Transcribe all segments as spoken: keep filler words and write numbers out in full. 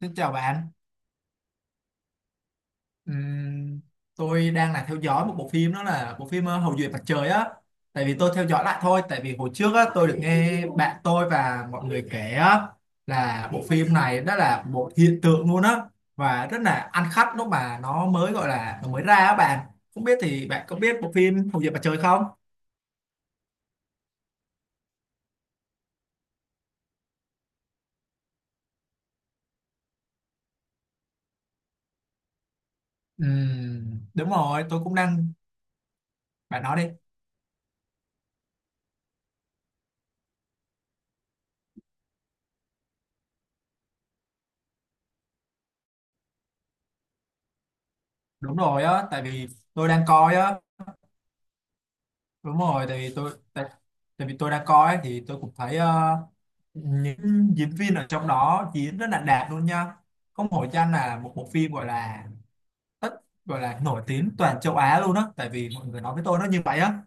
Xin chào bạn. Ừm, tôi đang là theo dõi một bộ phim, đó là bộ phim ờ, Hậu duệ mặt trời á. Tại vì tôi theo dõi lại thôi, tại vì hồi trước á, tôi được nghe bạn tôi và mọi người kể á, là bộ phim này đó là một hiện tượng luôn á và rất là ăn khách lúc mà nó mới gọi là nó mới ra á bạn. Không biết thì bạn có biết bộ phim Hậu duệ mặt trời không? Ừm, đúng rồi, tôi cũng đang bạn nói đi. Đúng rồi á, tại vì tôi đang coi á. Đúng rồi, tại vì tôi tại, tại vì tôi đang coi thì tôi cũng thấy ờ, những diễn viên ở trong đó diễn rất là đạt luôn nha, có một hội danh là một bộ phim gọi là tất gọi là nổi tiếng toàn châu Á luôn á, tại vì mọi người nói với tôi nó như vậy á.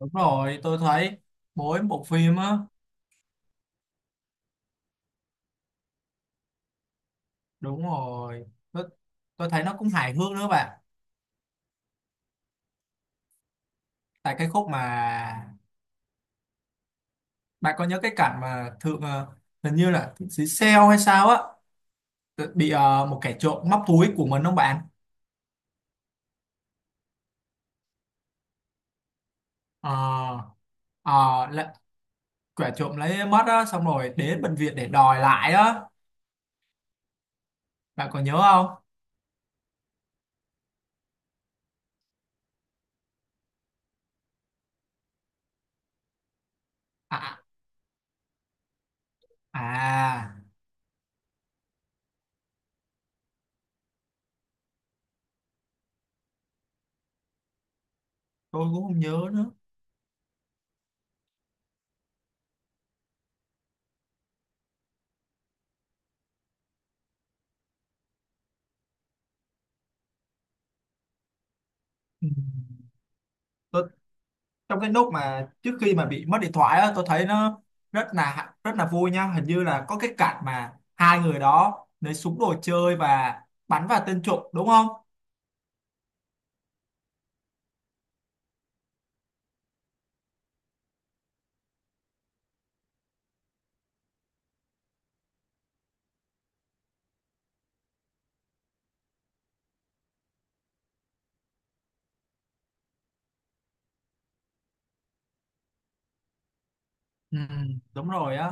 Đúng rồi tôi thấy mỗi bộ phim á, đúng rồi tôi, tôi thấy nó cũng hài hước nữa bạn. Tại cái khúc mà bạn có nhớ cái cảnh mà thượng ờ, hình như là thượng sĩ Seo hay sao á, tự- bị ờ, một kẻ trộm móc túi của mình không bạn? ờ ờ, là- kẻ trộm lấy mất á xong rồi đến bệnh viện để đòi lại á, bạn còn nhớ không? À, à tôi cũng không nhớ nữa. Ừ. tôi, Trong cái lúc mà trước khi mà bị mất điện thoại á, tôi thấy nó rất là rất là vui nha, hình như là có cái cảnh mà hai người đó lấy súng đồ chơi và bắn vào tên trộm đúng không? Ừ, đúng rồi á.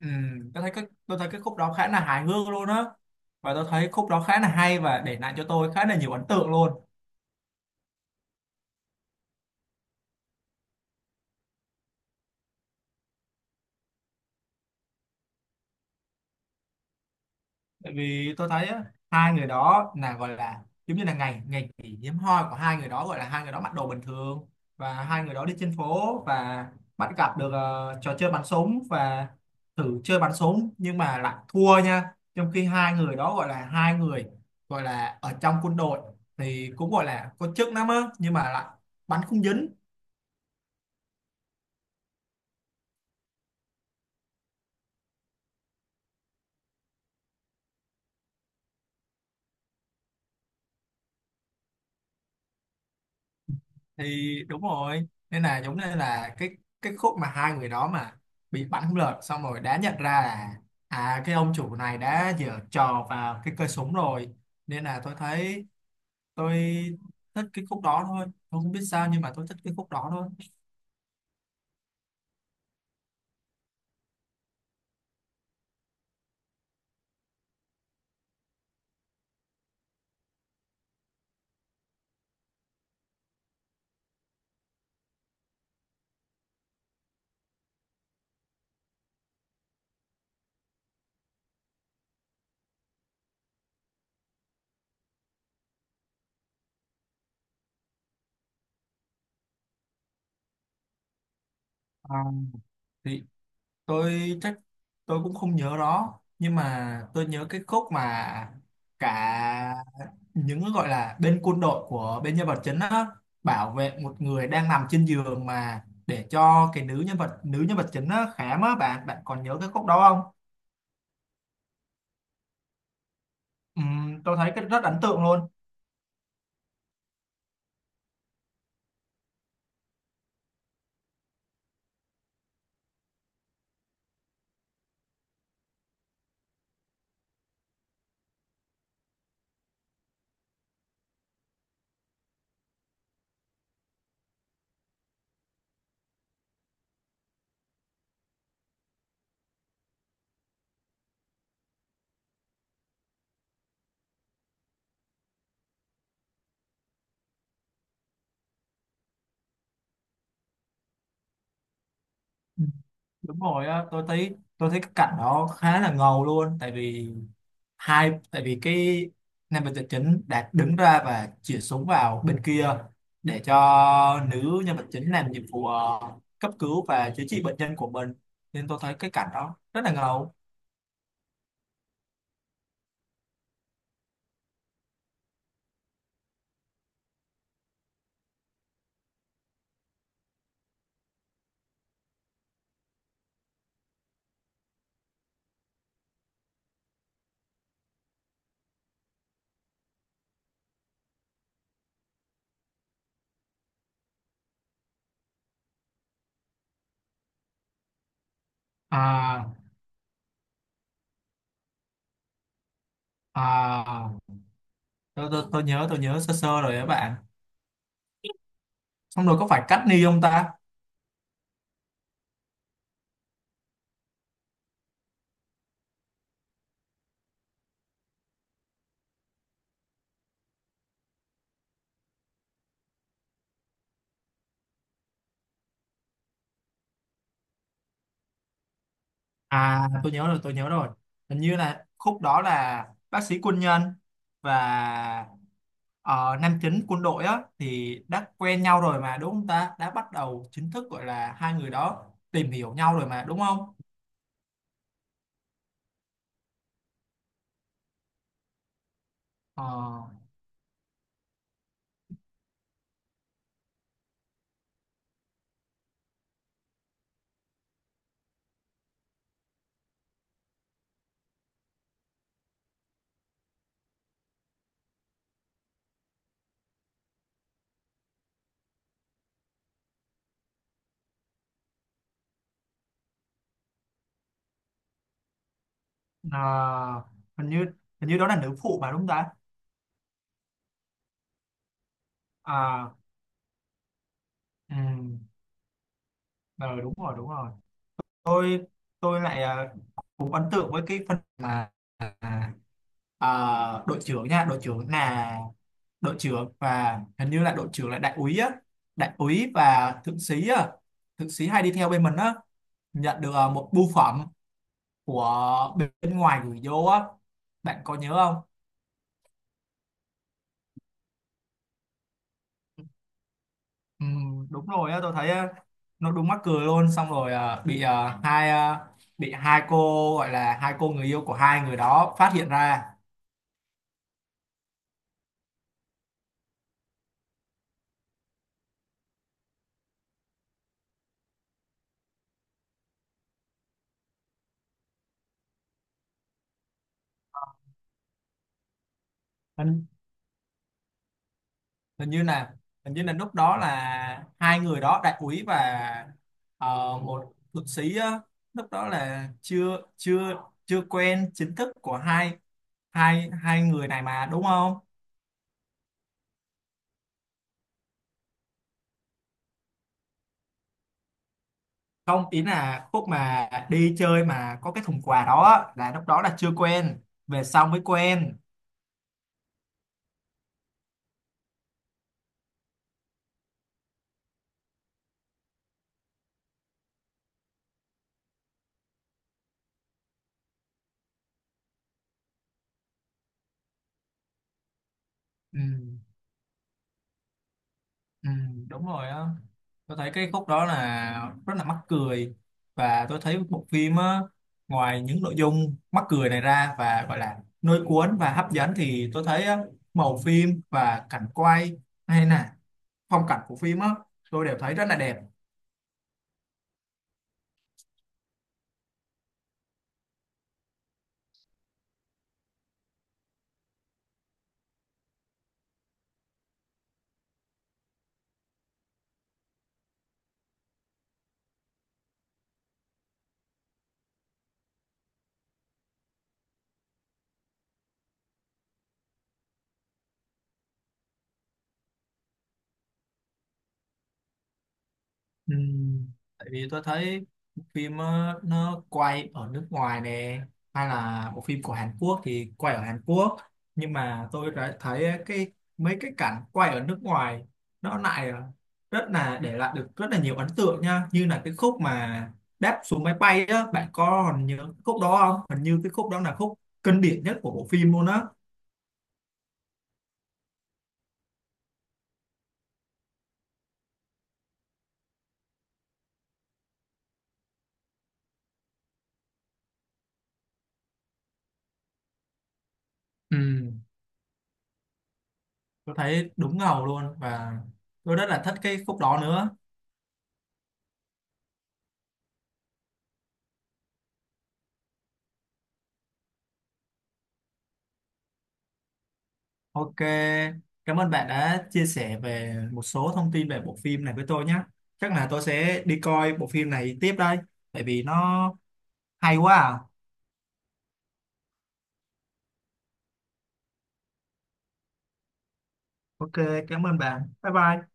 Ừ, tôi thấy cái tôi thấy cái khúc đó khá là hài hước luôn á, và tôi thấy khúc đó khá là hay và để lại cho tôi khá là nhiều ấn tượng luôn. Tại vì tôi thấy á, hai người đó là gọi là giống như là ngày ngày kỷ hiếm hoi của hai người đó, gọi là hai người đó mặc đồ bình thường và hai người đó đi trên phố và bắt gặp được ờ, trò chơi bắn súng và thử chơi bắn súng nhưng mà lại thua nha, trong khi hai người đó gọi là hai người gọi là ở trong quân đội thì cũng gọi là có chức lắm á, nhưng mà lại bắn không dính. Thì đúng rồi, nên là giống như là cái cái khúc mà hai người đó mà bị bắn không lọt xong rồi đã nhận ra là à cái ông chủ này đã giở trò vào cái cây súng rồi, nên là tôi thấy tôi thích cái khúc đó thôi, tôi không biết sao nhưng mà tôi thích cái khúc đó thôi. À, thì tôi chắc tôi cũng không nhớ đó, nhưng mà tôi nhớ cái khúc mà cả những gọi là bên quân đội của bên nhân vật chính á bảo vệ một người đang nằm trên giường mà để cho cái nữ nhân vật nữ nhân vật chính á khám á bạn, bạn còn nhớ cái khúc đó không? Ừm, tôi thấy cái rất ấn tượng luôn. Ừ. Đúng rồi á, tôi thấy tôi thấy cái cảnh đó khá là ngầu luôn, tại vì hai tại vì cái nam vật chính đã đứng ra và chĩa súng vào bên kia để cho nữ nhân vật chính làm nhiệm vụ ờ, cấp cứu và chữa trị bệnh nhân của mình, nên tôi thấy cái cảnh đó rất là ngầu. À à tôi, tôi, tôi nhớ tôi nhớ sơ sơ rồi các bạn, xong rồi có phải cắt ni không ta? À tôi nhớ rồi, tôi nhớ rồi, hình như là khúc đó là bác sĩ quân nhân và ờ, nam chính quân đội á thì đã quen nhau rồi mà đúng không ta, đã bắt đầu chính thức gọi là hai người đó tìm hiểu nhau rồi mà đúng không? Ờ, à, hình như hình như đó là nữ phụ mà đúng không ta? À ừ, ờ, đúng rồi đúng rồi. tôi tôi lại à, Cũng ấn tượng với cái phần mà à, à, đội trưởng nha, đội trưởng là đội trưởng và hình như là đội trưởng là đại úy á, đại úy và thượng sĩ á, thượng sĩ hay đi theo bên mình á, nhận được à, một bưu phẩm của bên ngoài gửi vô á, bạn có nhớ không? Ừ, đúng rồi á, tôi thấy á, nó đúng mắc cười luôn, xong rồi à, bị à, hai à, bị hai cô gọi là hai cô người yêu của hai người đó phát hiện ra. Hình như là hình như là lúc đó là hai người đó đại úy và ờ, một thượng sĩ á, lúc đó là chưa chưa chưa quen chính thức của hai hai hai người này mà đúng không? Không, ý là khúc mà đi chơi mà có cái thùng quà đó á, là lúc đó là chưa quen, về sau mới quen. ừ, ừ, đúng rồi á, tôi thấy cái khúc đó là rất là mắc cười, và tôi thấy bộ phim á, ngoài những nội dung mắc cười này ra và gọi là lôi cuốn và hấp dẫn thì tôi thấy á, màu phim và cảnh quay hay là phong cảnh của phim á, tôi đều thấy rất là đẹp. Ừ, tại vì tôi thấy bộ phim ờ, nó quay ở nước ngoài nè, hay là bộ phim của Hàn Quốc thì quay ở Hàn Quốc, nhưng mà tôi đã thấy cái mấy cái cảnh quay ở nước ngoài nó lại ờ, rất là để lại được rất là nhiều ấn tượng nha, như là cái khúc mà đáp xuống máy bay á, bạn có còn nhớ cái khúc đó không? Hình như cái khúc đó là khúc kinh điển nhất của bộ phim luôn á. Ừ, tôi thấy đúng ngầu luôn, và tôi rất là thích cái khúc đó nữa. Ok, cảm ơn bạn đã chia sẻ về một số thông tin về bộ phim này với tôi nhé. Chắc là tôi sẽ đi coi bộ phim này tiếp đây, tại vì nó hay quá à. Ok, cảm ơn bạn. Bye bye.